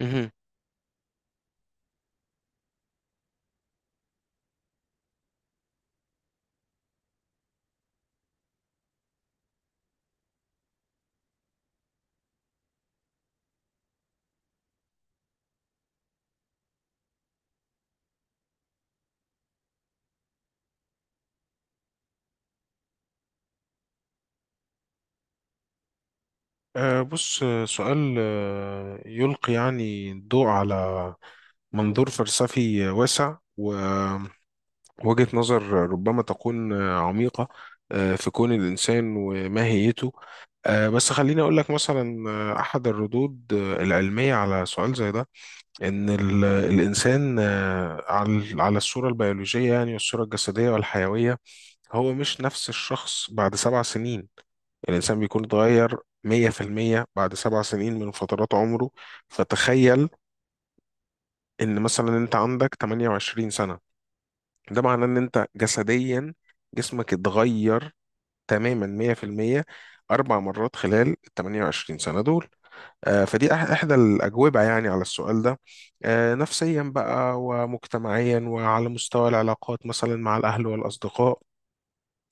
مهم. بص، سؤال يلقي يعني الضوء على منظور فلسفي واسع ووجهة نظر ربما تكون عميقة في كون الإنسان وماهيته. بس خليني أقول لك مثلا أحد الردود العلمية على سؤال زي ده، إن الإنسان، على الصورة البيولوجية يعني والصورة الجسدية والحيوية، هو مش نفس الشخص بعد 7 سنين بيكون اتغير 100% بعد 7 سنين فترات عمره. فتخيل إن مثلا أنت عندك 28 سنة، ده معناه إن أنت جسديا جسمك اتغير تماما 100% أربع مرات خلال ال 28 سنة دول. إحدى الأجوبة يعني على السؤال ده. نفسيا بقى ومجتمعيا وعلى مستوى العلاقات مثلا مع الأهل والأصدقاء،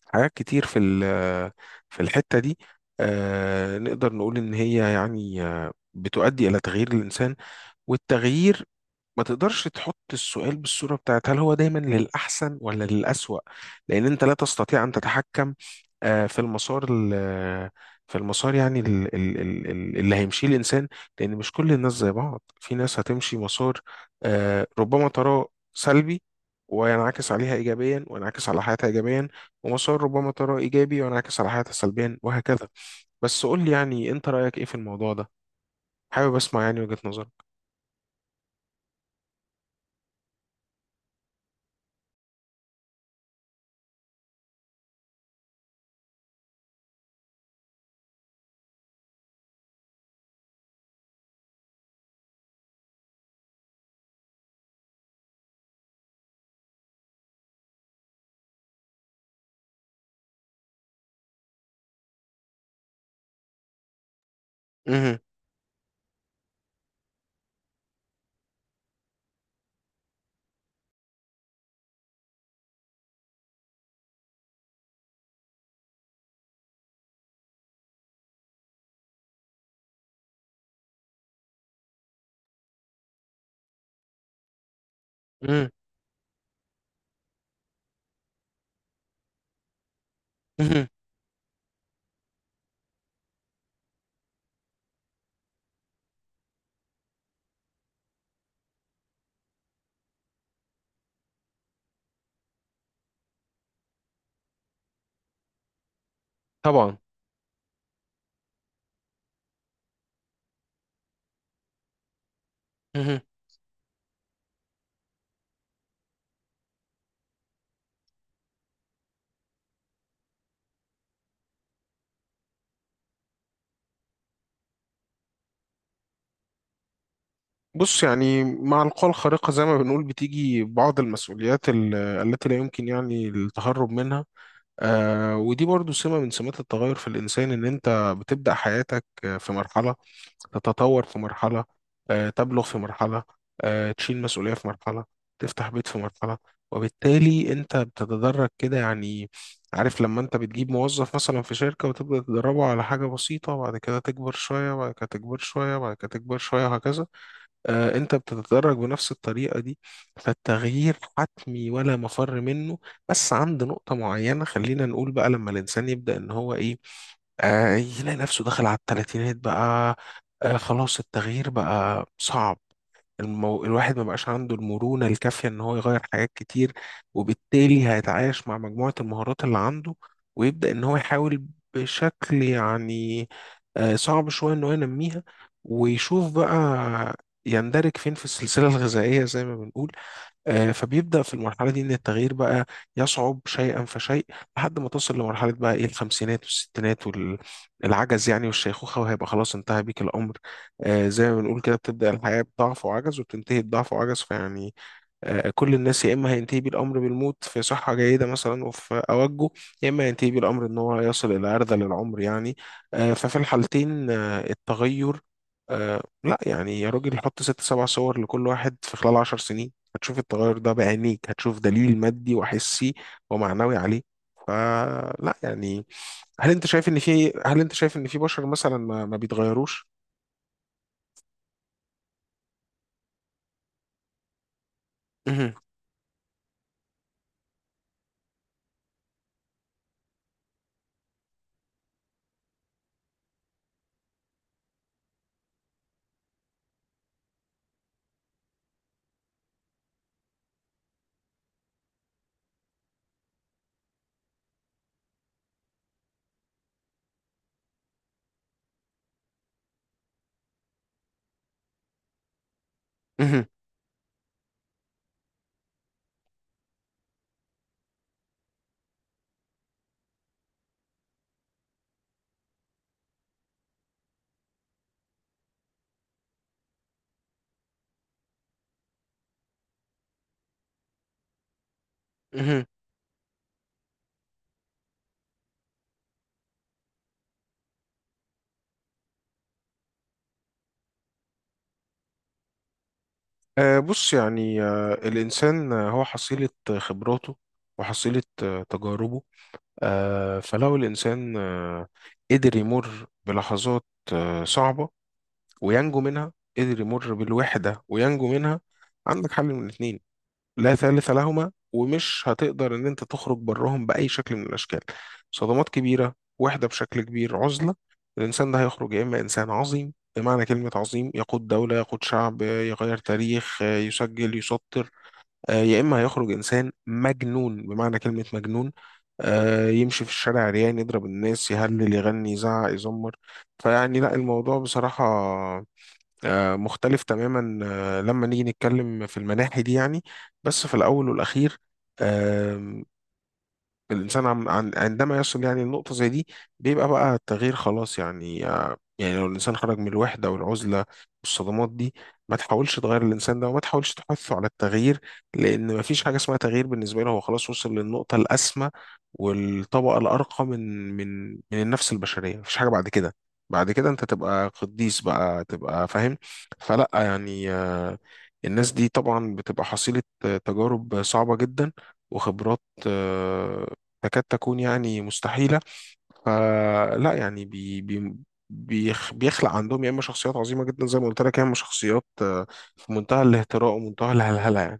حاجات كتير في في الحتة دي نقدر نقول إن هي يعني بتؤدي إلى تغيير الإنسان. والتغيير، ما تقدرش تحط السؤال بالصورة بتاعت هل هو دايما للأحسن ولا للأسوأ، لأن أنت لا تستطيع أن تتحكم في في المسار يعني اللي هيمشيه الإنسان. لأن مش كل الناس زي بعض، في ناس هتمشي مسار ربما تراه سلبي وينعكس عليها إيجابيا وينعكس على حياتها إيجابيا، ومسار ربما تراه إيجابي وينعكس على حياتها سلبيا، وهكذا. بس قول لي يعني أنت رأيك إيه في الموضوع ده، حابب أسمع يعني وجهة نظرك. مهم. مهم. طبعا. مهم. بص، يعني مع القوى الخارقة زي ما بنقول بتيجي بعض المسؤوليات التي لا يمكن يعني التهرب منها. آه، ودي برضو سمة من سمات التغير في الإنسان، إن أنت بتبدأ حياتك في مرحلة، تتطور في مرحلة، تبلغ في مرحلة، تشيل مسؤولية في مرحلة، تفتح بيت في مرحلة، وبالتالي أنت بتتدرج كده يعني. عارف لما أنت بتجيب موظف مثلا في شركة وتبدأ تدربه على حاجة بسيطة وبعد كده تكبر شوية وبعد كده تكبر شوية وبعد كده تكبر شوية وهكذا، انت بتتدرج بنفس الطريقة دي. فالتغيير حتمي ولا مفر منه. بس عند نقطة معينة خلينا نقول بقى لما الانسان يبدأ ان هو ايه، آه، يلاقي نفسه دخل على الثلاثينات بقى. آه، خلاص التغيير بقى صعب. الواحد ما بقاش عنده المرونة الكافية ان هو يغير حاجات كتير، وبالتالي هيتعايش مع مجموعة المهارات اللي عنده، ويبدأ ان هو يحاول بشكل يعني صعب شوية ان هو ينميها، ويشوف بقى يندرج فين في السلسلة الغذائية زي ما بنقول. فبيبدأ في المرحلة دي إن التغيير بقى يصعب شيئا فشيء، لحد ما تصل لمرحلة بقى إيه الخمسينات والستينات والعجز يعني والشيخوخة، وهيبقى خلاص انتهى بيك الأمر. زي ما بنقول كده، بتبدأ الحياة بضعف وعجز وبتنتهي بضعف وعجز. فيعني كل الناس، يا اما هينتهي بيه الامر بالموت في صحه جيده مثلا وفي اوجه، يا اما هينتهي بيه الامر ان هو يصل الى ارذل العمر يعني. ففي الحالتين التغير لا يعني، يا راجل حط ست سبع صور لكل واحد في خلال 10 سنين هتشوف التغير ده بعينيك، هتشوف دليل مادي وحسي ومعنوي عليه. فلا يعني، هل انت شايف ان في بشر مثلا ما بيتغيروش؟ مهم. مهم. بص يعني، الإنسان هو حصيلة خبراته وحصيلة تجاربه. فلو الإنسان قدر يمر بلحظات صعبة وينجو منها، قدر يمر بالوحدة وينجو منها، عندك حل من الاتنين لا ثالث لهما، ومش هتقدر ان انت تخرج براهم باي شكل من الاشكال. صدمات كبيره، وحده بشكل كبير، عزله. الانسان ده هيخرج يا اما انسان عظيم بمعنى كلمه عظيم، يقود دوله، يقود شعب، يغير تاريخ، يسجل، يسطر، يا اما هيخرج انسان مجنون بمعنى كلمه مجنون، يمشي في الشارع عريان، يضرب الناس، يهلل، يغني، يزعق، يزمر. فيعني لا، الموضوع بصراحه مختلف تماما لما نيجي نتكلم في المناحي دي يعني. بس في الأول والأخير، الإنسان عندما يصل يعني لنقطة زي دي، بيبقى بقى التغيير خلاص يعني. يعني لو الإنسان خرج من الوحدة والعزلة والصدمات دي، ما تحاولش تغير الإنسان ده وما تحاولش تحثه على التغيير، لأن ما فيش حاجة اسمها تغيير بالنسبة له. هو خلاص وصل للنقطة الأسمى والطبقة الأرقى من النفس البشرية. مفيش حاجة بعد كده. بعد كده أنت تبقى قديس بقى، تبقى فاهم. فلأ يعني، الناس دي طبعا بتبقى حصيلة تجارب صعبة جدا وخبرات آه، تكاد تكون يعني مستحيلة. فلا يعني، بيخلق عندهم يا إما شخصيات عظيمة جدا زي ما قلت لك، يا إما شخصيات في منتهى الاهتراء ومنتهى الهلهلة.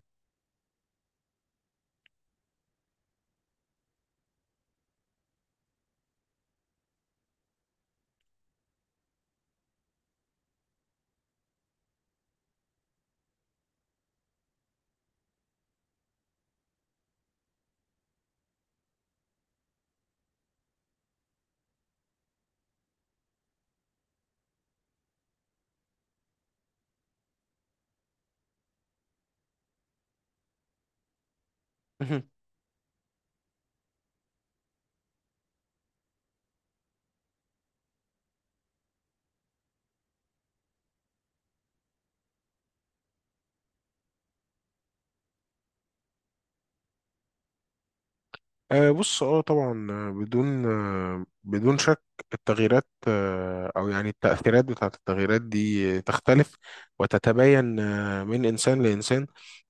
يعني بص، اه طبعا بدون بدون شك التغييرات او يعني التأثيرات بتاعت التغييرات دي تختلف وتتباين من انسان لانسان.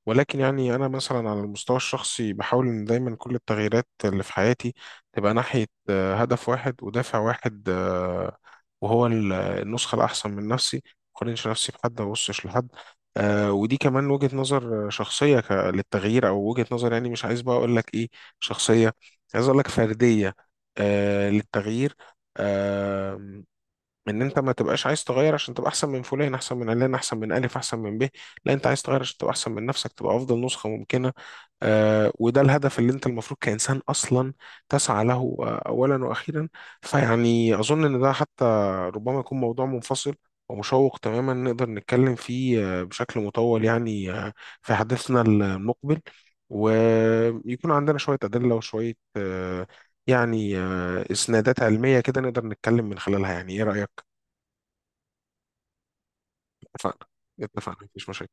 ولكن يعني انا مثلا على المستوى الشخصي بحاول ان دايما كل التغييرات اللي في حياتي تبقى ناحية هدف واحد ودافع واحد وهو النسخة الاحسن من نفسي. ما اقارنش نفسي بحد، ما ابصش لحد. ودي كمان وجهة نظر شخصية للتغيير، او وجهة نظر يعني مش عايز بقى اقول لك ايه شخصية، عايز اقول لك فرديه، آه، للتغيير. آه، ان انت ما تبقاش عايز تغير عشان تبقى احسن من فلان، احسن من علان، احسن من الف، احسن من ب، لا انت عايز تغير عشان تبقى احسن من نفسك، تبقى افضل نسخه ممكنه. وده الهدف اللي انت المفروض كإنسان أصلا تسعى له أولا وأخيرا. فيعني أظن إن ده حتى ربما يكون موضوع منفصل ومشوق تماما، نقدر نتكلم فيه بشكل مطول يعني، في حديثنا المقبل، ويكون عندنا شوية أدلة وشوية يعني إسنادات علمية كده نقدر نتكلم من خلالها. يعني إيه رأيك؟ اتفقنا. اتفقنا، مفيش مشاكل.